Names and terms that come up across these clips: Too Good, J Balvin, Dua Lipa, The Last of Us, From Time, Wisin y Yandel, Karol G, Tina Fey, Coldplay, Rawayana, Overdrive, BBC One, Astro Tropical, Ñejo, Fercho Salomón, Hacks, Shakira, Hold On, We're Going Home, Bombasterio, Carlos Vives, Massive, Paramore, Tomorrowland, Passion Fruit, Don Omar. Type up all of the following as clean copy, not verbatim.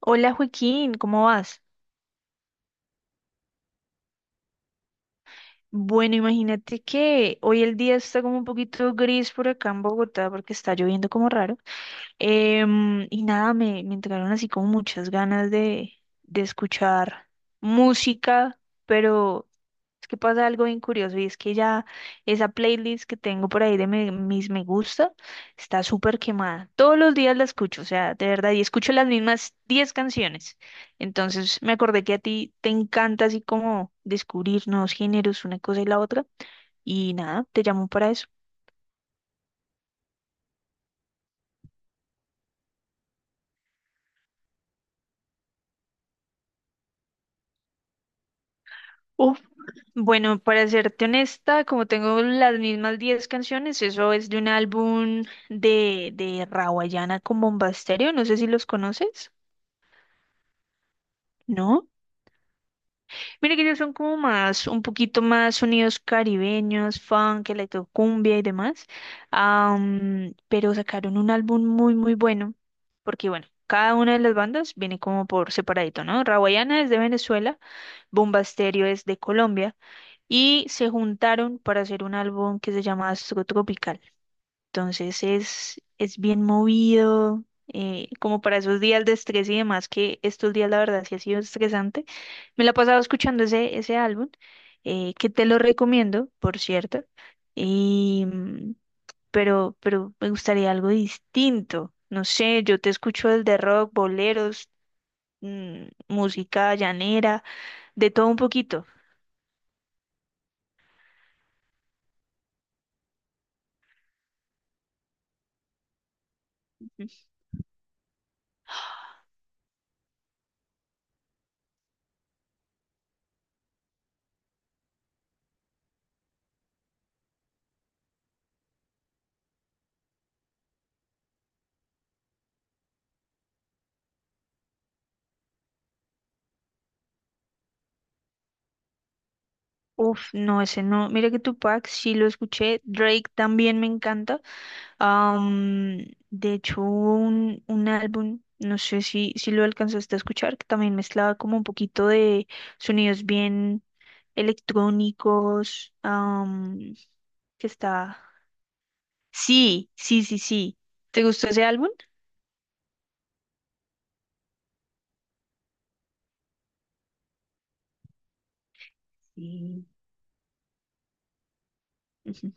Hola Joaquín, ¿cómo vas? Bueno, imagínate que hoy el día está como un poquito gris por acá en Bogotá porque está lloviendo como raro. Y nada, me entraron así como muchas ganas de escuchar música, pero es que pasa algo bien curioso y es que ya esa playlist que tengo por ahí de mis me gusta está súper quemada. Todos los días la escucho, o sea, de verdad, y escucho las mismas 10 canciones. Entonces me acordé que a ti te encanta así como descubrir nuevos géneros, una cosa y la otra, y nada, te llamo para eso. Bueno, para serte honesta, como tengo las mismas 10 canciones, eso es de un álbum de Rawayana con Bombasterio, no sé si los conoces. ¿No? Mira que ellos son como más, un poquito más sonidos caribeños, funk, electrocumbia y demás. Pero sacaron un álbum muy, muy bueno, porque bueno, cada una de las bandas viene como por separadito, ¿no? Rawayana es de Venezuela, Bombasterio es de Colombia, y se juntaron para hacer un álbum que se llama Astro Tropical. Entonces es bien movido, como para esos días de estrés y demás, que estos días la verdad sí ha sido estresante. Me la he pasado escuchando ese álbum, que te lo recomiendo, por cierto. Y, mm, pero, pero me gustaría algo distinto. No sé, yo te escucho el de rock, boleros, música llanera, de todo un poquito. Uf, no, ese no. Mira que Tupac sí lo escuché. Drake también me encanta. Am, de hecho, hubo un álbum, no sé si lo alcanzaste a escuchar, que también mezclaba como un poquito de sonidos bien electrónicos. Que está. Sí, sí, sí, sí. ¿Te gustó ese álbum? Sí. Ujú.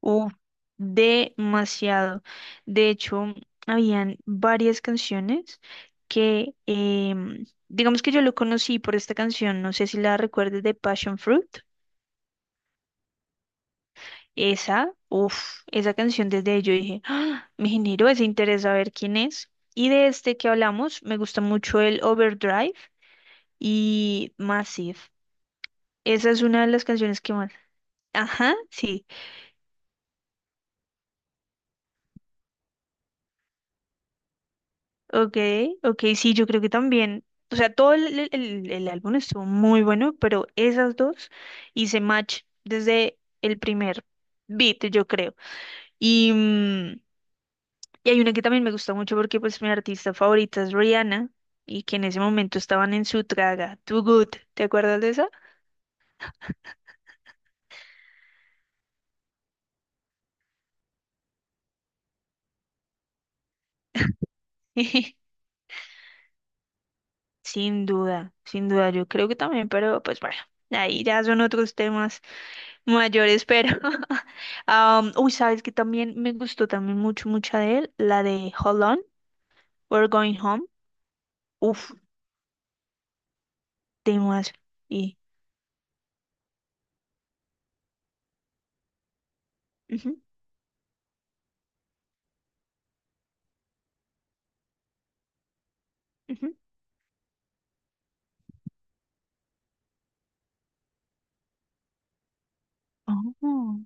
Uf, demasiado. De hecho, habían varias canciones que digamos que yo lo conocí por esta canción, no sé si la recuerdes, de Passion Fruit. Esa canción, desde ahí yo dije: "Ah, me generó ese interés a ver quién es". Y de este que hablamos, me gusta mucho el Overdrive y Massive. Esa es una de las canciones que más. Ajá, sí. Ok, ok, sí, yo creo que también. O sea, todo el álbum estuvo muy bueno, pero esas dos hice match desde el primer beat, yo creo. Y, mm, y hay una que también me gusta mucho, porque pues mi artista favorita es Rihanna, y que en ese momento estaban en su traga, Too Good, ¿te acuerdas de esa? Sin duda, sin duda, yo creo que también, pero pues bueno, ahí ya son otros temas. Mayor espero. Uy, sabes que también me gustó también mucho, mucha de él, la de Hold On, We're Going Home. Uf, temas. Y. Ujú, ujú. Oh,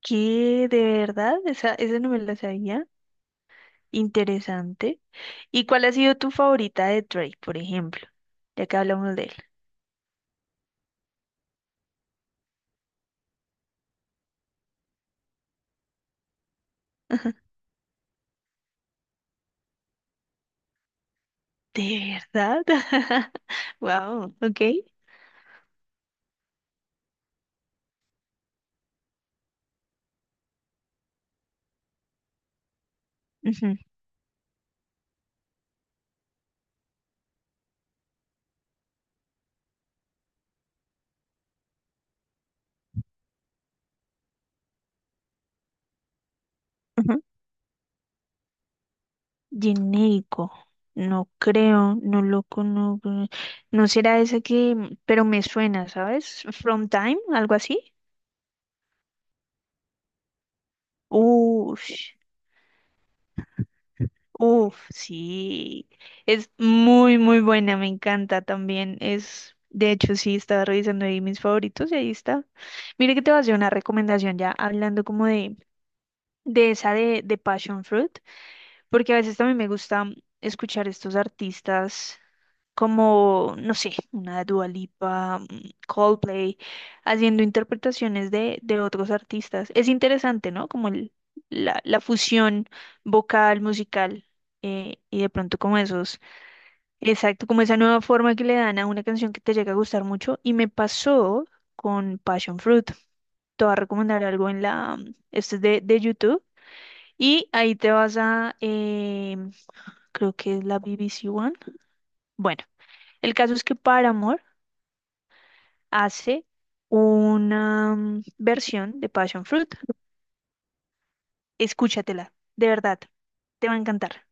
¿qué? ¿De verdad? Esa no me la sabía. Interesante. ¿Y cuál ha sido tu favorita de Drake, por ejemplo? Ya que hablamos de él. ¿De verdad? Wow, ok. Ujú, ujú. Genérico. No creo, no lo conozco. No será ese que, pero me suena, ¿sabes? From Time, algo así. Uf, uf, sí. Es muy, muy buena, me encanta también. Es, de hecho, sí, estaba revisando ahí mis favoritos y ahí está. Mire que te voy a hacer una recomendación ya, hablando como de esa de Passion Fruit. Porque a veces también me gusta escuchar estos artistas como, no sé, una Dua Lipa, Coldplay, haciendo interpretaciones de otros artistas. Es interesante, ¿no? Como la fusión vocal, musical, y de pronto como exacto, como esa nueva forma que le dan a una canción que te llega a gustar mucho. Y me pasó con Passion Fruit. Te voy a recomendar algo esto es de YouTube. Y ahí te vas a creo que es la BBC One. Bueno, el caso es que Paramore hace una versión de Passion Fruit. Escúchatela, de verdad, te va a encantar.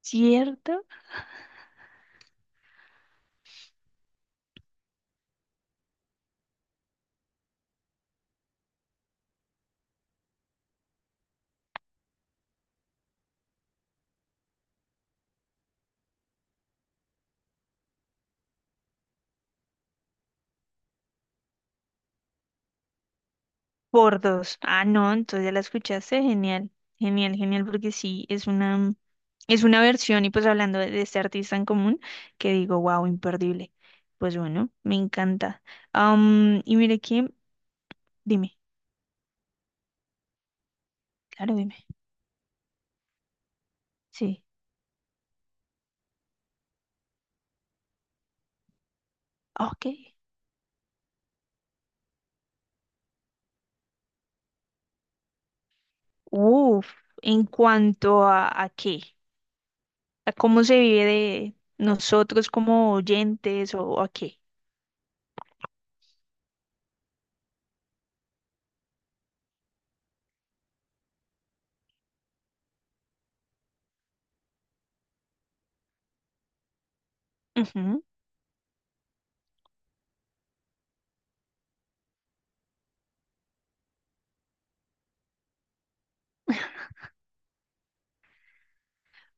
¿Cierto? Por dos. Ah, no, entonces ya la escuchaste. Genial, genial, genial, porque sí, es una versión. Y pues hablando de este artista en común, que digo, wow, imperdible. Pues bueno, me encanta. Y mire que, dime, claro, dime. Sí, ok. Uf, ¿en cuanto a qué? ¿A cómo se vive de nosotros como oyentes o a qué? Ujú.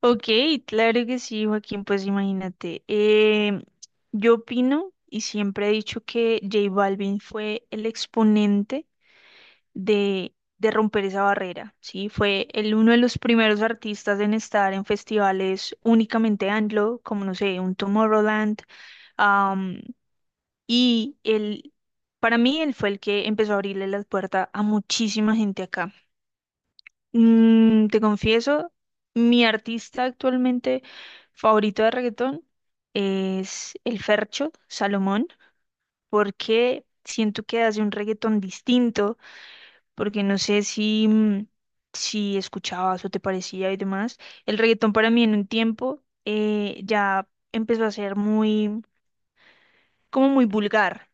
Ok, claro que sí, Joaquín, pues imagínate. Yo opino y siempre he dicho que J Balvin fue el exponente de romper esa barrera, ¿sí? Fue uno de los primeros artistas en estar en festivales únicamente anglo, como no sé, un Tomorrowland. Y él, para mí, él fue el que empezó a abrirle la puerta a muchísima gente acá. Te confieso, mi artista actualmente favorito de reggaetón es el Fercho Salomón, porque siento que hace un reggaetón distinto, porque no sé si escuchabas o te parecía y demás. El reggaetón para mí en un tiempo ya empezó a ser muy, como muy vulgar.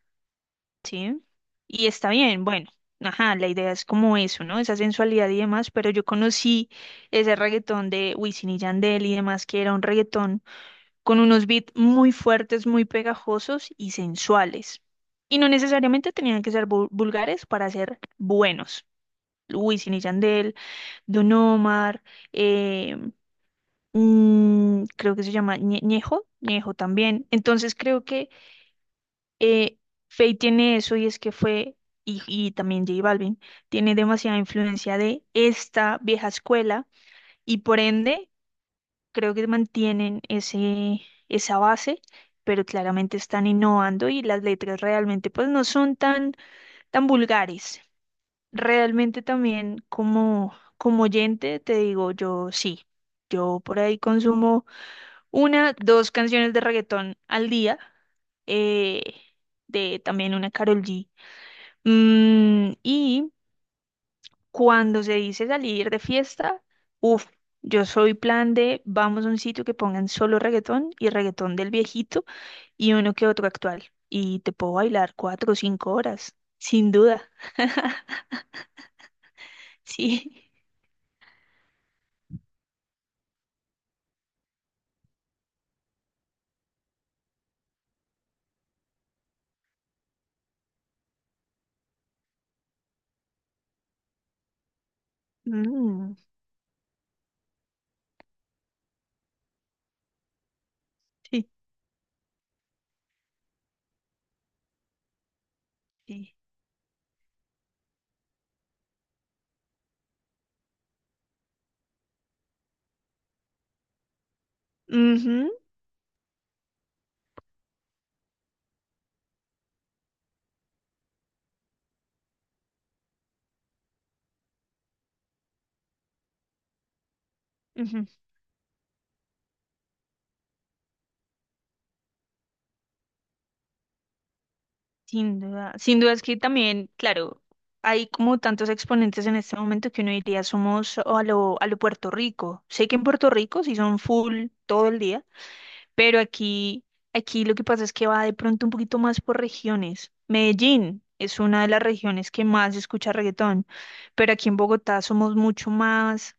Sí, y está bien, bueno, ajá, la idea es como eso, ¿no? Esa sensualidad y demás, pero yo conocí ese reggaetón de Wisin y Yandel y demás, que era un reggaetón con unos beats muy fuertes, muy pegajosos y sensuales. Y no necesariamente tenían que ser vulgares para ser buenos. Wisin y Yandel, Don Omar, eh, creo que se llama Ñejo también. Entonces creo que eh, Faye tiene eso, y es que fue, y también J Balvin tiene demasiada influencia de esta vieja escuela, y por ende creo que mantienen esa base, pero claramente están innovando, y las letras realmente pues no son tan, tan vulgares. Realmente también como oyente te digo, yo sí, yo por ahí consumo una, dos canciones de reggaetón al día, eh, de también una Karol G. Y cuando se dice salir de fiesta, uff, yo soy plan de vamos a un sitio que pongan solo reggaetón, y reggaetón del viejito y uno que otro actual. Y te puedo bailar 4 o 5 horas, sin duda. Sí. Mm, sí, sí. Ujú, ujú. Sin duda. Sin duda es que también, claro, hay como tantos exponentes en este momento, que uno diría somos a lo Puerto Rico. Sé que en Puerto Rico sí son full todo el día. Pero aquí, lo que pasa es que va de pronto un poquito más por regiones. Medellín es una de las regiones que más escucha reggaetón, pero aquí en Bogotá somos mucho más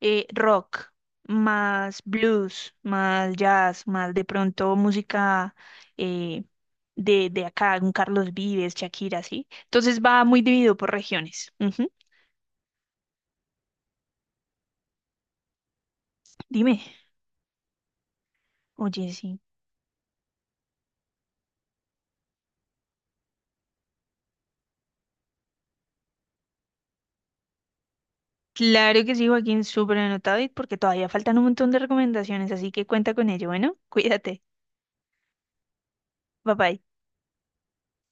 rock, más blues, más jazz, más de pronto música eh, de, acá, un Carlos Vives, Shakira, ¿sí? Entonces va muy dividido por regiones. Ujú. Dime. Oye, sí. Claro que sí, Joaquín, súper anotado, y porque todavía faltan un montón de recomendaciones, así que cuenta con ello. Bueno, cuídate. Bye bye.